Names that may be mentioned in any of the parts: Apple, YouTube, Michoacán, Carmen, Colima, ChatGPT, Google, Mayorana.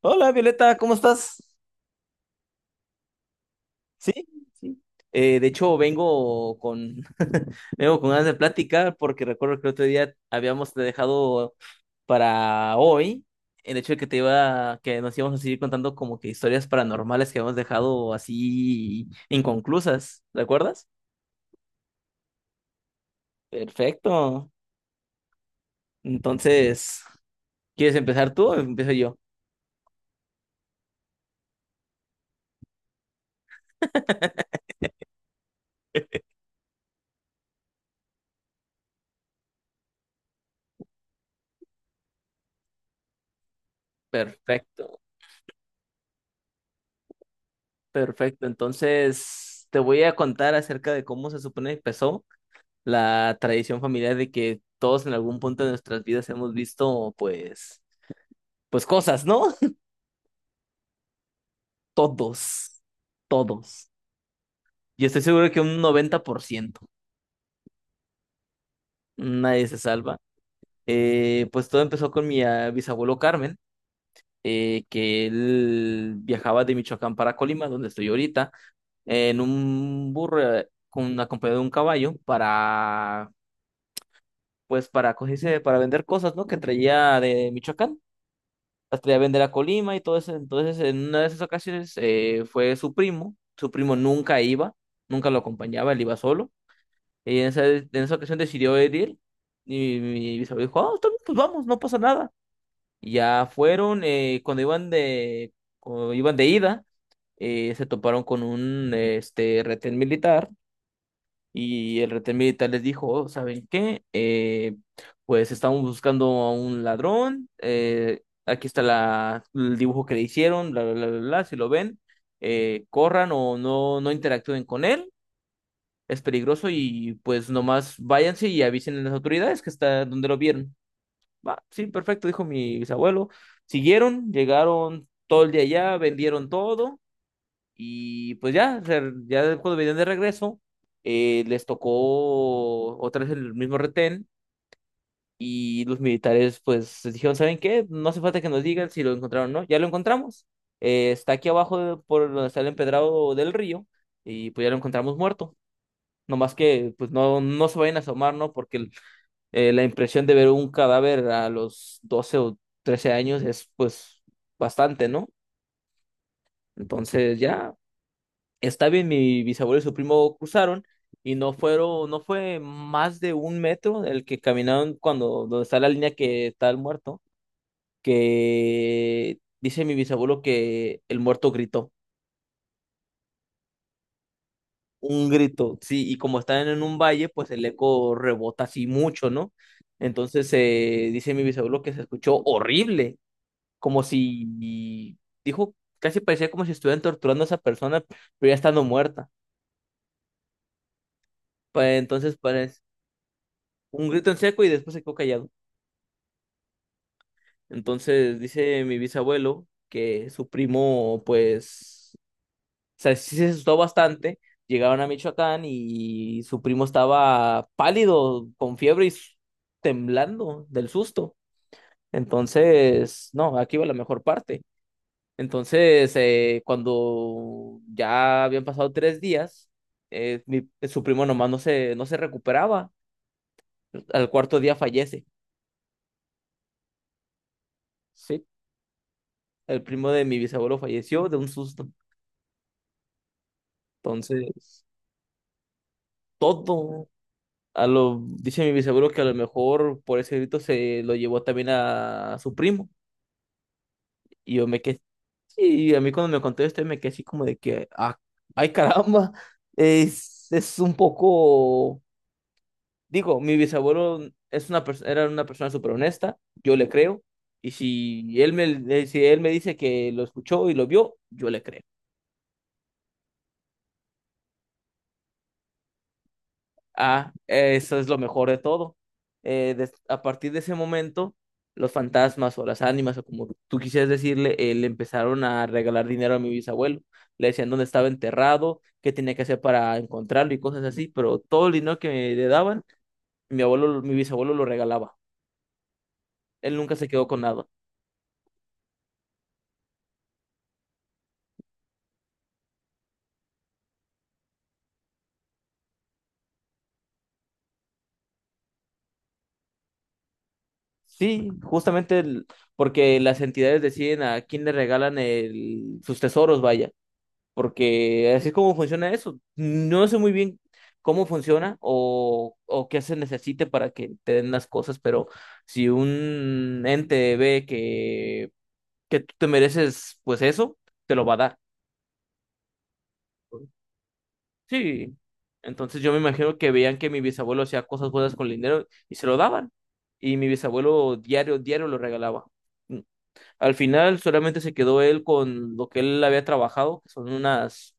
Hola Violeta, ¿cómo estás? Sí, sí. De hecho, vengo con vengo con ganas de platicar porque recuerdo que el otro día habíamos dejado para hoy el hecho de que nos íbamos a seguir contando como que historias paranormales que habíamos dejado así inconclusas, ¿recuerdas? Perfecto. Entonces, ¿quieres empezar tú o empiezo yo? Perfecto, perfecto. Entonces, te voy a contar acerca de cómo se supone que empezó la tradición familiar de que todos en algún punto de nuestras vidas hemos visto, pues cosas, ¿no? Todos, todos. Y estoy seguro que un 90%, nadie se salva. Pues todo empezó con mi bisabuelo Carmen, que él viajaba de Michoacán para Colima, donde estoy ahorita, en un burro, con acompañado de un caballo para, pues, para vender cosas, ¿no? Que traía de Michoacán. Las traía a vender a Colima y todo eso. Entonces, en una de esas ocasiones fue su primo. Su primo nunca iba, nunca lo acompañaba, él iba solo. Y en esa ocasión decidió ir él. Y mi bisabuelo dijo, ah, está bien, pues vamos, no pasa nada. Y ya fueron. Cuando iban de ida, se toparon con un retén militar, y el retén militar les dijo: "Oh, ¿saben qué? Pues estamos buscando a un ladrón, aquí está el dibujo que le hicieron, bla, bla, bla, bla, bla. Si lo ven, corran, o no, no interactúen con él, es peligroso, y pues nomás váyanse y avisen a las autoridades que está donde lo vieron". Va, sí, perfecto, dijo mi bisabuelo. Siguieron, llegaron todo el día allá, vendieron todo, y pues ya, o sea, ya cuando venían de regreso, les tocó otra vez el mismo retén, y los militares pues les dijeron: ¿saben qué? No hace falta que nos digan si lo encontraron o no, ya lo encontramos. Está aquí abajo por donde está el empedrado del río, y pues ya lo encontramos muerto. No más que pues no se vayan a asomar, ¿no? La impresión de ver un cadáver a los 12 o 13 años es pues bastante, ¿no? Entonces ya. Está bien, mi bisabuelo y su primo cruzaron, y no fue más de 1 metro el que caminaron cuando, donde está la línea que está el muerto, que dice mi bisabuelo que el muerto gritó, un grito, sí, y como están en un valle, pues el eco rebota así mucho, ¿no? Entonces dice mi bisabuelo que se escuchó horrible, como si, dijo, casi parecía como si estuvieran torturando a esa persona, pero ya estando muerta. Pues, entonces parece un grito en seco y después se quedó callado. Entonces dice mi bisabuelo que su primo, pues, o sea, sí se asustó bastante. Llegaron a Michoacán y su primo estaba pálido, con fiebre y temblando del susto. Entonces, no, aquí va la mejor parte. Entonces, cuando ya habían pasado 3 días, su primo nomás no se recuperaba. Al cuarto día fallece. Sí. El primo de mi bisabuelo falleció de un susto. Entonces, todo. Dice mi bisabuelo que a lo mejor por ese grito se lo llevó también a su primo. Y yo me quedé. Y a mí, cuando me contó esto, me quedé así como de que, ah, ay caramba, es un poco, digo, mi bisabuelo es una era una persona súper honesta, yo le creo, y si él me dice que lo escuchó y lo vio, yo le creo. Ah, eso es lo mejor de todo. A partir de ese momento, los fantasmas o las ánimas, o como tú quisieras decirle, le empezaron a regalar dinero a mi bisabuelo. Le decían dónde estaba enterrado, qué tenía que hacer para encontrarlo y cosas así, pero todo el dinero que le daban, mi bisabuelo lo regalaba. Él nunca se quedó con nada. Sí, justamente porque las entidades deciden a quién le regalan sus tesoros, vaya. Porque así es como funciona eso. No sé muy bien cómo funciona, o qué se necesite para que te den las cosas, pero si un ente ve que tú te mereces, pues eso, te lo va a dar. Sí. Entonces, yo me imagino que veían que mi bisabuelo hacía cosas buenas con el dinero y se lo daban. Y mi bisabuelo diario, diario lo regalaba. Mm. Al final solamente se quedó él con lo que él había trabajado, que son unas,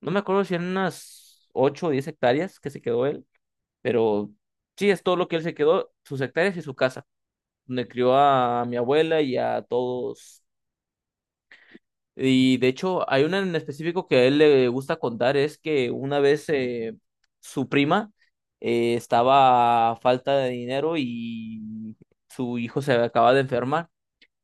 no me acuerdo si eran unas 8 o 10 hectáreas, que se quedó él, pero sí, es todo lo que él se quedó, sus hectáreas y su casa, donde crió a mi abuela y a todos. Y de hecho, hay una en específico que a él le gusta contar. Es que una vez su prima estaba a falta de dinero y su hijo se acaba de enfermar,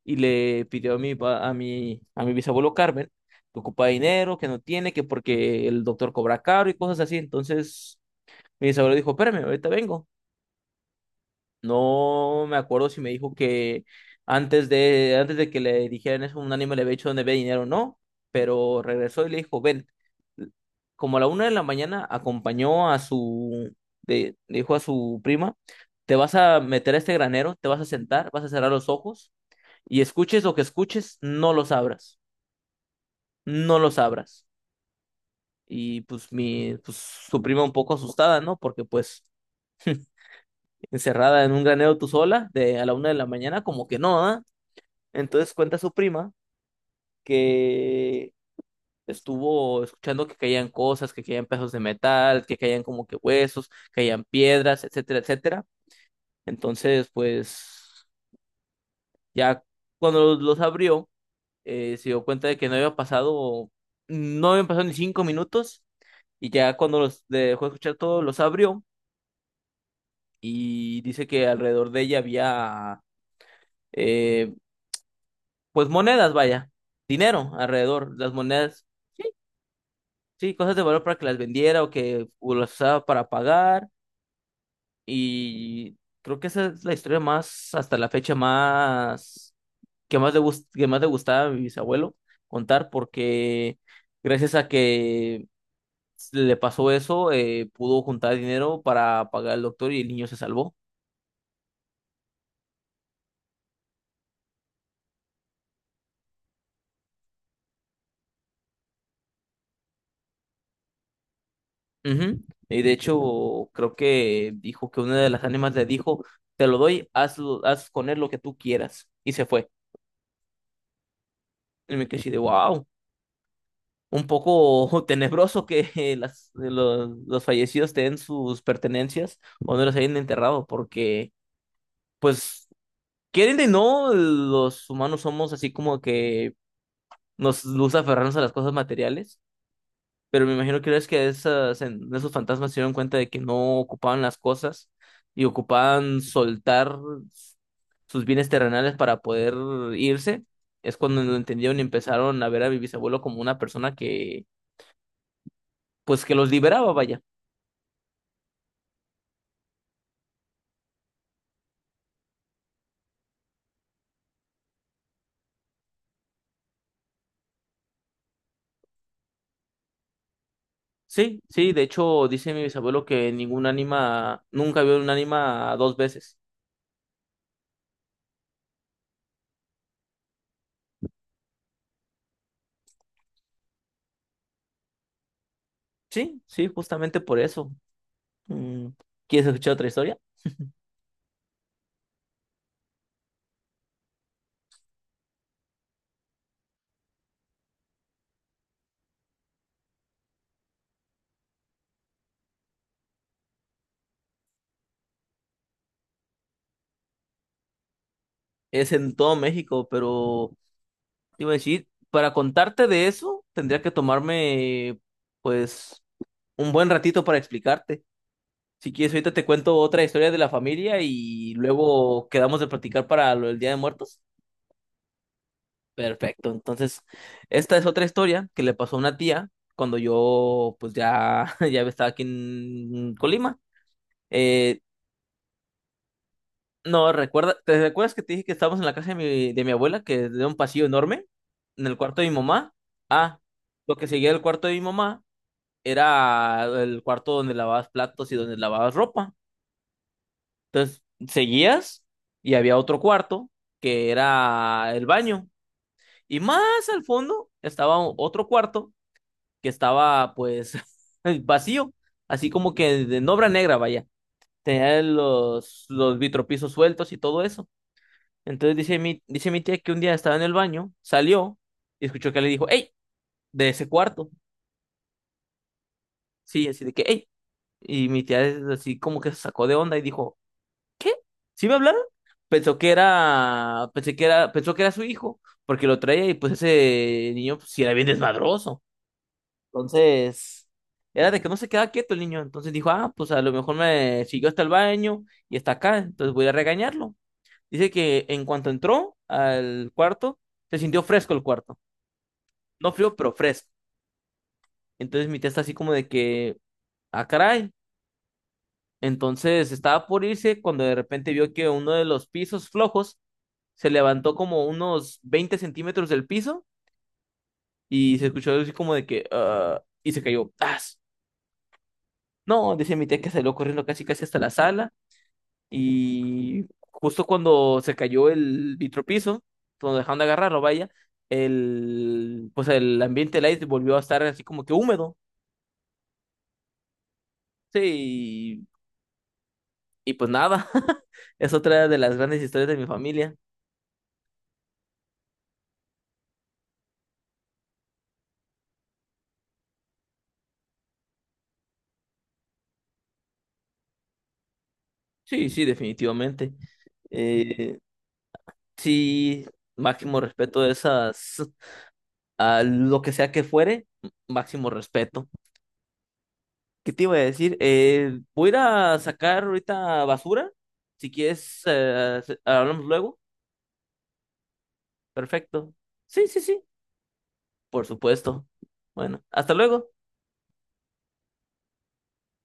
y le pidió a mi, pa- a mi bisabuelo Carmen que ocupa dinero, que no tiene, que porque el doctor cobra caro y cosas así. Entonces mi bisabuelo dijo, espérame, ahorita vengo. No me acuerdo si me dijo que antes de que le dijeran eso, un ánimo le había hecho donde ve dinero o no, pero regresó y le dijo, ven, como a la 1 de la mañana acompañó a su, de- dijo a su prima, te vas a meter a este granero, te vas a sentar, vas a cerrar los ojos, y escuches lo que escuches, no los abras, no los abras. Y pues su prima un poco asustada, ¿no? Porque pues encerrada en un granero tú sola, de a la 1 de la mañana, como que no, ¿ah? Entonces cuenta su prima que estuvo escuchando que caían cosas, que caían pedazos de metal, que caían como que huesos, caían piedras, etcétera, etcétera. Entonces, pues ya cuando los abrió, se dio cuenta de que no habían pasado ni 5 minutos. Y ya cuando los dejó de escuchar todo, los abrió, y dice que alrededor de ella había, eh, pues, monedas, vaya, dinero alrededor, las monedas, sí, cosas de valor para que las vendiera, o que o las usaba para pagar. Y creo que esa es la historia más, hasta la fecha más, que más le gustaba a mi bisabuelo contar, porque gracias a que le pasó eso, pudo juntar dinero para pagar al doctor y el niño se salvó. Ujú. Y de hecho, creo que dijo que una de las ánimas le dijo, te lo doy, haz con él lo que tú quieras. Y se fue. Y me quedé así de, wow, un poco tenebroso que los fallecidos tengan sus pertenencias, o no los hayan enterrado, porque, pues, quieren de no, los humanos somos así como que nos gusta aferrarnos a las cosas materiales. Pero me imagino que es que esos fantasmas se dieron cuenta de que no ocupaban las cosas, y ocupaban soltar sus bienes terrenales para poder irse. Es cuando lo entendieron y empezaron a ver a mi bisabuelo como una persona que, pues, que los liberaba, vaya. Sí, sí, de hecho dice mi bisabuelo que ningún ánima, nunca vio un ánima dos veces. Sí, sí, justamente por eso. Mm, ¿Quieres escuchar otra historia? Es en todo México, pero te iba a decir, para contarte de eso, tendría que tomarme, pues, un buen ratito para explicarte. Si quieres, ahorita te cuento otra historia de la familia y luego quedamos de platicar para lo del Día de Muertos. Perfecto. Entonces, esta es otra historia que le pasó a una tía cuando yo, pues, ya estaba aquí en Colima. Eh, no, ¿te recuerdas que te dije que estábamos en la casa de mi abuela, que es de un pasillo enorme, en el cuarto de mi mamá? Ah, lo que seguía del cuarto de mi mamá era el cuarto donde lavabas platos y donde lavabas ropa. Entonces, seguías y había otro cuarto que era el baño. Y más al fondo estaba otro cuarto que estaba pues vacío, así como que de en obra negra, vaya. Tenía los vitropisos sueltos y todo eso. Entonces dice mi tía que un día estaba en el baño, salió y escuchó que le dijo, ¡Ey! De ese cuarto. Sí, así de que, ¡Ey! Y mi tía es así como que se sacó de onda y dijo, ¿sí me hablaron? Pensó que era su hijo, porque lo traía y pues ese niño pues, sí era bien desmadroso. Entonces, era de que no se quedaba quieto el niño. Entonces dijo, ah, pues a lo mejor me siguió hasta el baño y está acá, entonces voy a regañarlo. Dice que en cuanto entró al cuarto, se sintió fresco el cuarto. No frío, pero fresco. Entonces mi tía está así como de que, ah, caray. Entonces estaba por irse, cuando de repente vio que uno de los pisos flojos se levantó como unos 20 centímetros del piso, y se escuchó algo así como de que, ah, y se cayó. ¡Tas! No, dice mi tía que salió corriendo casi casi hasta la sala, y justo cuando se cayó el vitropiso, cuando dejaron de agarrarlo, vaya, pues el ambiente del aire volvió a estar así como que húmedo. Sí, y pues nada, es otra de las grandes historias de mi familia. Sí, sí, definitivamente. Eh, sí, máximo respeto de esas, a lo que sea que fuere, máximo respeto. ¿Qué te iba a decir? Voy a ir a sacar ahorita basura. Si quieres, hablamos luego. Perfecto. Sí, sí, sí, por supuesto. Bueno, hasta luego.